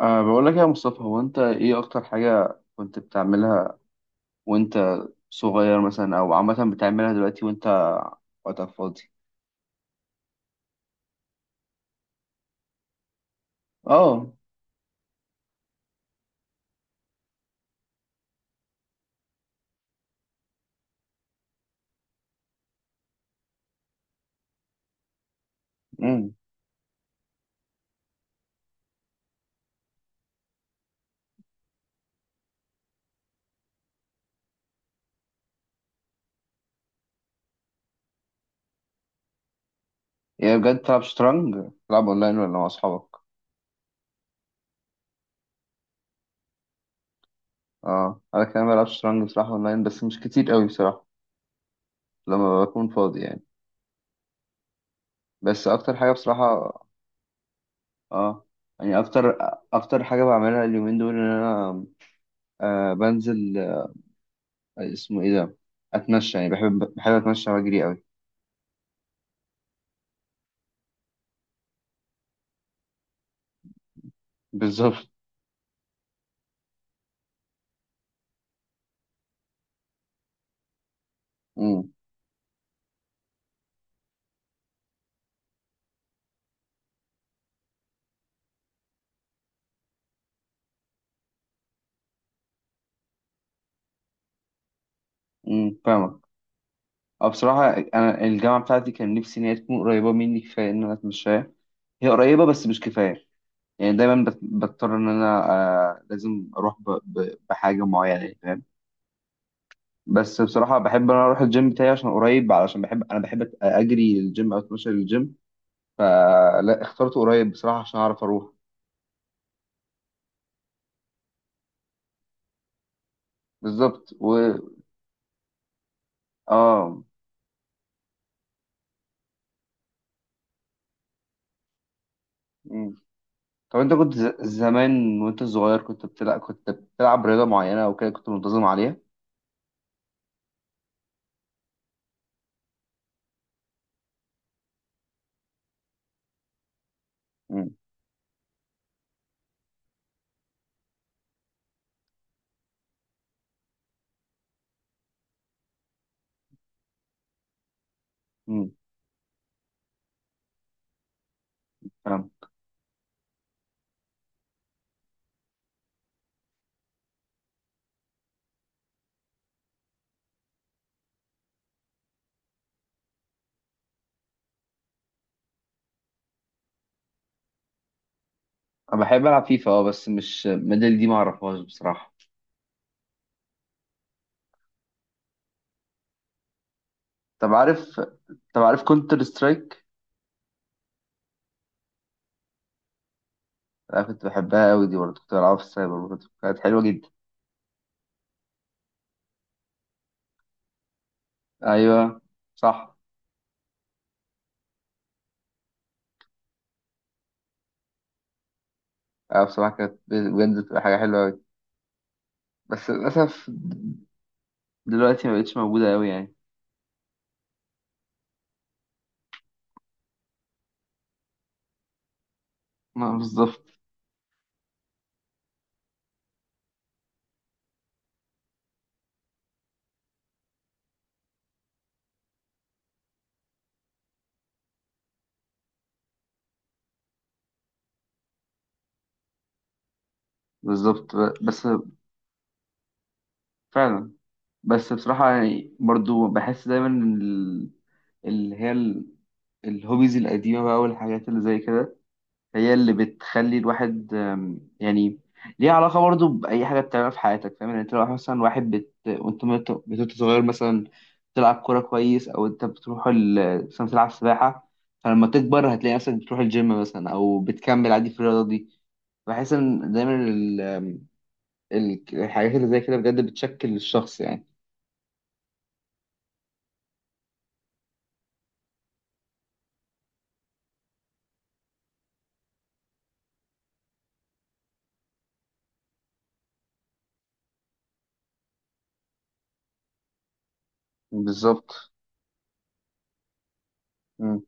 بقول لك يا مصطفى، هو أنت إيه أكتر حاجة كنت بتعملها وأنت صغير مثلا، أو عامة بتعملها دلوقتي وأنت وقتك فاضي؟ أه. أمم. يعني بجد بتلعب شطرنج؟ بتلعب أونلاين ولا مع أصحابك؟ أنا كمان بلعب شطرنج بصراحة، أونلاين بس مش كتير قوي بصراحة، لما بكون فاضي يعني. بس أكتر حاجة بصراحة. أه. يعني أكتر حاجة بعملها اليومين دول إن أنا بنزل، اسمه إيه ده؟ أتمشى يعني، بحب أتمشى وأجري قوي. بالظبط. مم. فاهمك. اه بصراحة أنا الجامعة بتاعتي كان نفسي إن هي تكون قريبة مني كفاية إن أنا أتمشاها. هي قريبة بس مش كفاية. يعني دايما بضطر إن أنا لازم أروح بحاجة معينة يعني، فاهم. بس بصراحة بحب إن أنا أروح الجيم بتاعي عشان قريب، علشان بحب أجري الجيم أو أتمشى للجيم. فلا اخترت قريب بصراحة عشان أعرف أروح. بالظبط و. آه. مم. طب أنت كنت زمان وأنت صغير كنت بتلعب رياضة معينة أو كده كنت منتظم عليها؟ امم. امم. انا بحب العب فيفا، بس مش ميدل دي، ما اعرفهاش بصراحه. طب عارف طب عارف كونتر سترايك. انا كنت بحبها قوي دي برضه، كنت بلعبها في السايبر برضه، كانت حلوه جدا. ايوه. صح. اه بصراحه كانت بجد بتبقى حاجه حلوه قوي، بس للاسف دلوقتي ما بقتش موجوده قوي يعني. ما بالظبط. بالظبط. بس. فعلا. بس بصراحه يعني برضه بحس دايما إن اللي هي الهوبيز القديمه بقى والحاجات اللي زي كده، هي اللي بتخلي الواحد يعني ليها علاقة برضو بأي حاجة بتعملها في حياتك، فاهم يعني، انت لو مثلا واحد وانت وانت صغير مثلا بتلعب كورة كويس، أو انت بتروح مثلا بتلعب سباحة، فلما تكبر هتلاقي نفسك بتروح الجيم مثلا أو بتكمل عادي في الرياضة دي. بحس إن دايما الحاجات اللي زي كده بجد بتشكل الشخص يعني. بالظبط. مم.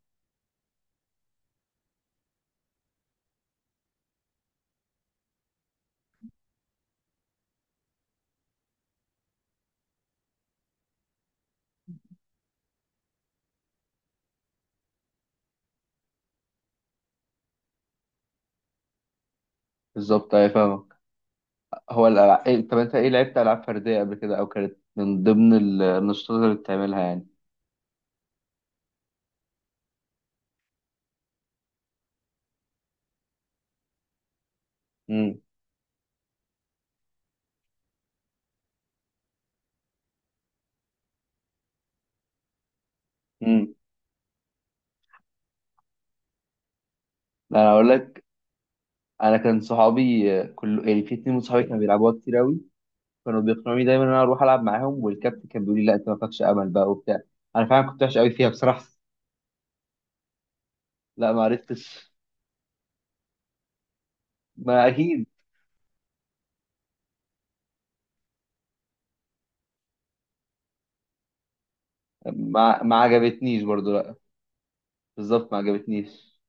بالظبط، أيوة فاهمك. هو الألعاب طب أنت إيه لعبت ألعاب فردية قبل كده، أو كانت من ضمن النشاطات اللي بتعملها يعني؟ امم. انا اقول لك. انا كان صحابي، كل يعني في 2 من صحابي كانوا بيلعبوها كتير قوي، كانوا بيقنعوني دايما ان انا اروح العب معاهم، والكابتن كان بيقول لي لا انت ما فيكش امل بقى وبتاع. انا فعلا كنت وحش قوي فيها بصراحه. لا ما عرفتش. ما اكيد. ما عجبتنيش برضو، لا. بالظبط ما عجبتنيش.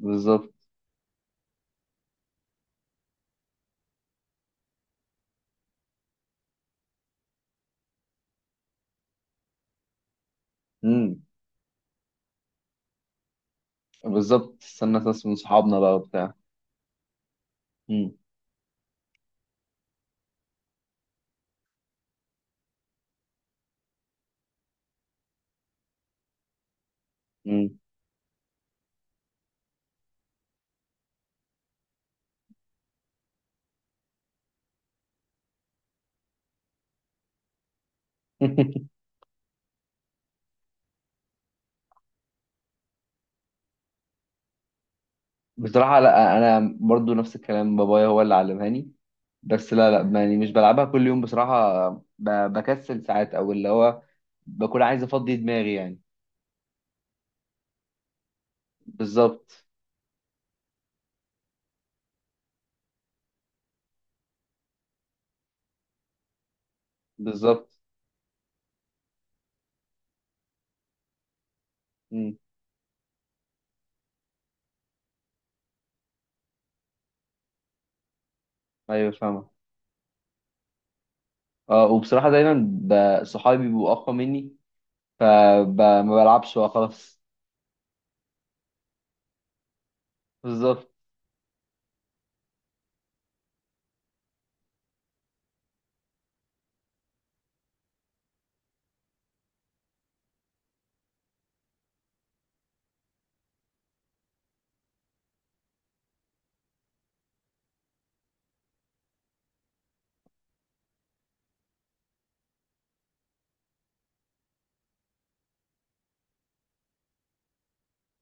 بالظبط. امم. بالظبط، استنى ناس من صحابنا بقى وبتاع. امم. امم. بصراحة لا، أنا برضو نفس الكلام، بابايا هو اللي علمهاني. بس لا، لا، يعني مش بلعبها كل يوم بصراحة. بكسل ساعات، أو اللي هو بكون عايز أفضي دماغي يعني. بالظبط. بالظبط. مم. أيوه فاهمة. وبصراحة دايما صحابي بيبقوا أقوى مني، فما بلعبش بقى خلاص. بالظبط.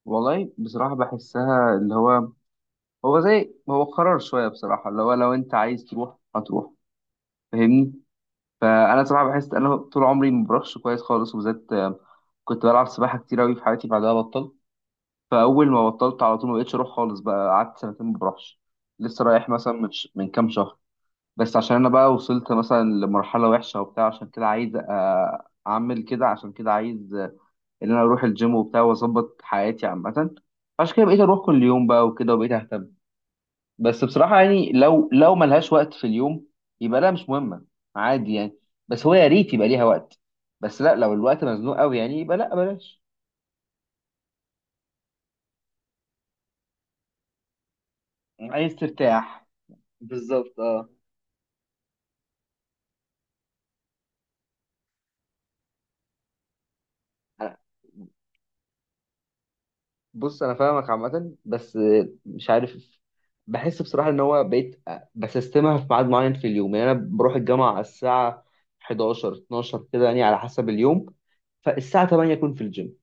والله بصراحة بحسها اللي هو زي هو قرار شوية بصراحة، اللي هو لو أنت عايز تروح هتروح، فاهمني. فانا صراحه بحس ان انا طول عمري ما بروحش كويس خالص، وبالذات كنت بلعب سباحه كتير قوي في حياتي بعدها بطلت. فاول ما بطلت على طول ما بقتش اروح خالص بقى، قعدت سنتين ما بروحش. لسه رايح مثلا من من كام شهر. بس عشان انا بقى وصلت مثلا لمرحله وحشه وبتاع، عشان كده عايز اعمل كده، عشان كده عايز ان انا اروح الجيم وبتاع واظبط حياتي عامه. عشان كده بقيت اروح كل يوم بقى وكده، وبقيت اهتم. بس بصراحة يعني لو ملهاش وقت في اليوم يبقى لا مش مهمة، عادي يعني. بس هو يا ريت يبقى ليها وقت، بس لا، لو الوقت مزنوق قوي يعني يبقى لا بلاش. عايز ترتاح. بالظبط، اه. أنا- بص انا فاهمك عامة، بس مش عارف. بحس بصراحة ان هو بقيت بسستمها في ميعاد معين في اليوم، يعني انا بروح الجامعة على الساعة 11 12 كده يعني، على حسب اليوم. فالساعة 8 اكون في الجيم.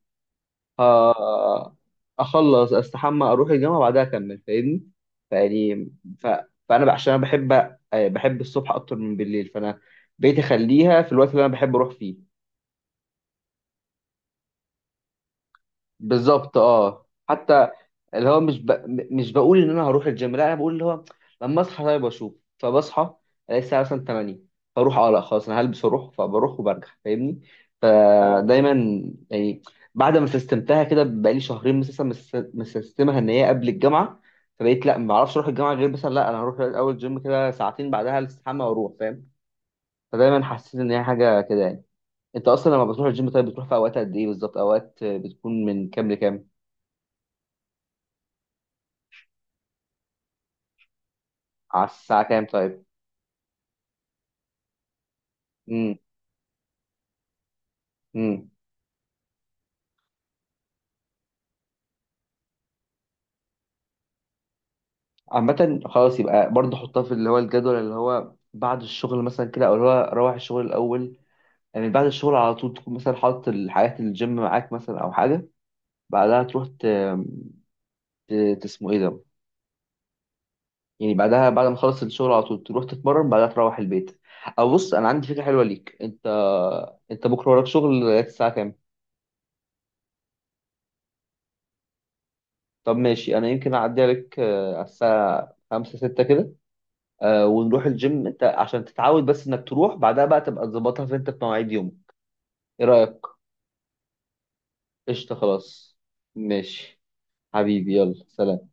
آه، اخلص استحمى اروح الجامعه بعدها اكمل، فاهمني. فيعني ف... فانا عشان انا بحب الصبح اكتر من بالليل، فانا بقيت اخليها في الوقت اللي انا بحب اروح فيه. بالظبط، اه. حتى اللي هو مش ب... م- مش بقول ان انا هروح الجيم، لا انا بقول اللي هو لما اصحى طيب اشوف، فبصحى الاقي الساعه مثلا 8، فاروح. اه لا خلاص انا هلبس واروح، فبروح وبرجع، فاهمني. ايوه فدايما يعني، بعد ما سيستمتها كده بقالي شهرين مثلا، مسيستمها ان هي قبل الجامعه. فبقيت لا ما اعرفش اروح الجامعه غير مثلا، لا انا هروح اول جيم كده ساعتين بعدها الاستحمى واروح، فاهم. فدايما حسيت ان هي حاجه كده يعني. انت اصلا لما بتروح الجيم طيب بتروح في اوقات قد ايه بالظبط، اوقات بتكون من كام لكام؟ على الساعه كام طيب؟ امم. إمم. عامة خلاص يبقى برضه حطها في اللي هو الجدول اللي هو بعد الشغل مثلا كده، او اللي هو روح الشغل الاول. يعني بعد الشغل على طول تكون مثلا حاطط الحاجات الجيم معاك مثلا، او حاجة، بعدها تروح اسمه ايه ده، يعني بعدها بعد ما تخلص الشغل على طول تروح تتمرن، بعدها تروح البيت. او بص، انا عندي فكرة حلوة ليك. انت بكرة وراك شغل لغاية الساعة كام؟ طب ماشي، انا يمكن اعدي عليك على الساعة 5 6 كده، ونروح الجيم انت، عشان تتعود. بس انك تروح بعدها بقى تبقى تظبطها في انت في مواعيد يوم. ايه رأيك؟ قشطة، خلاص. ماشي. حبيبي يلا، سلام.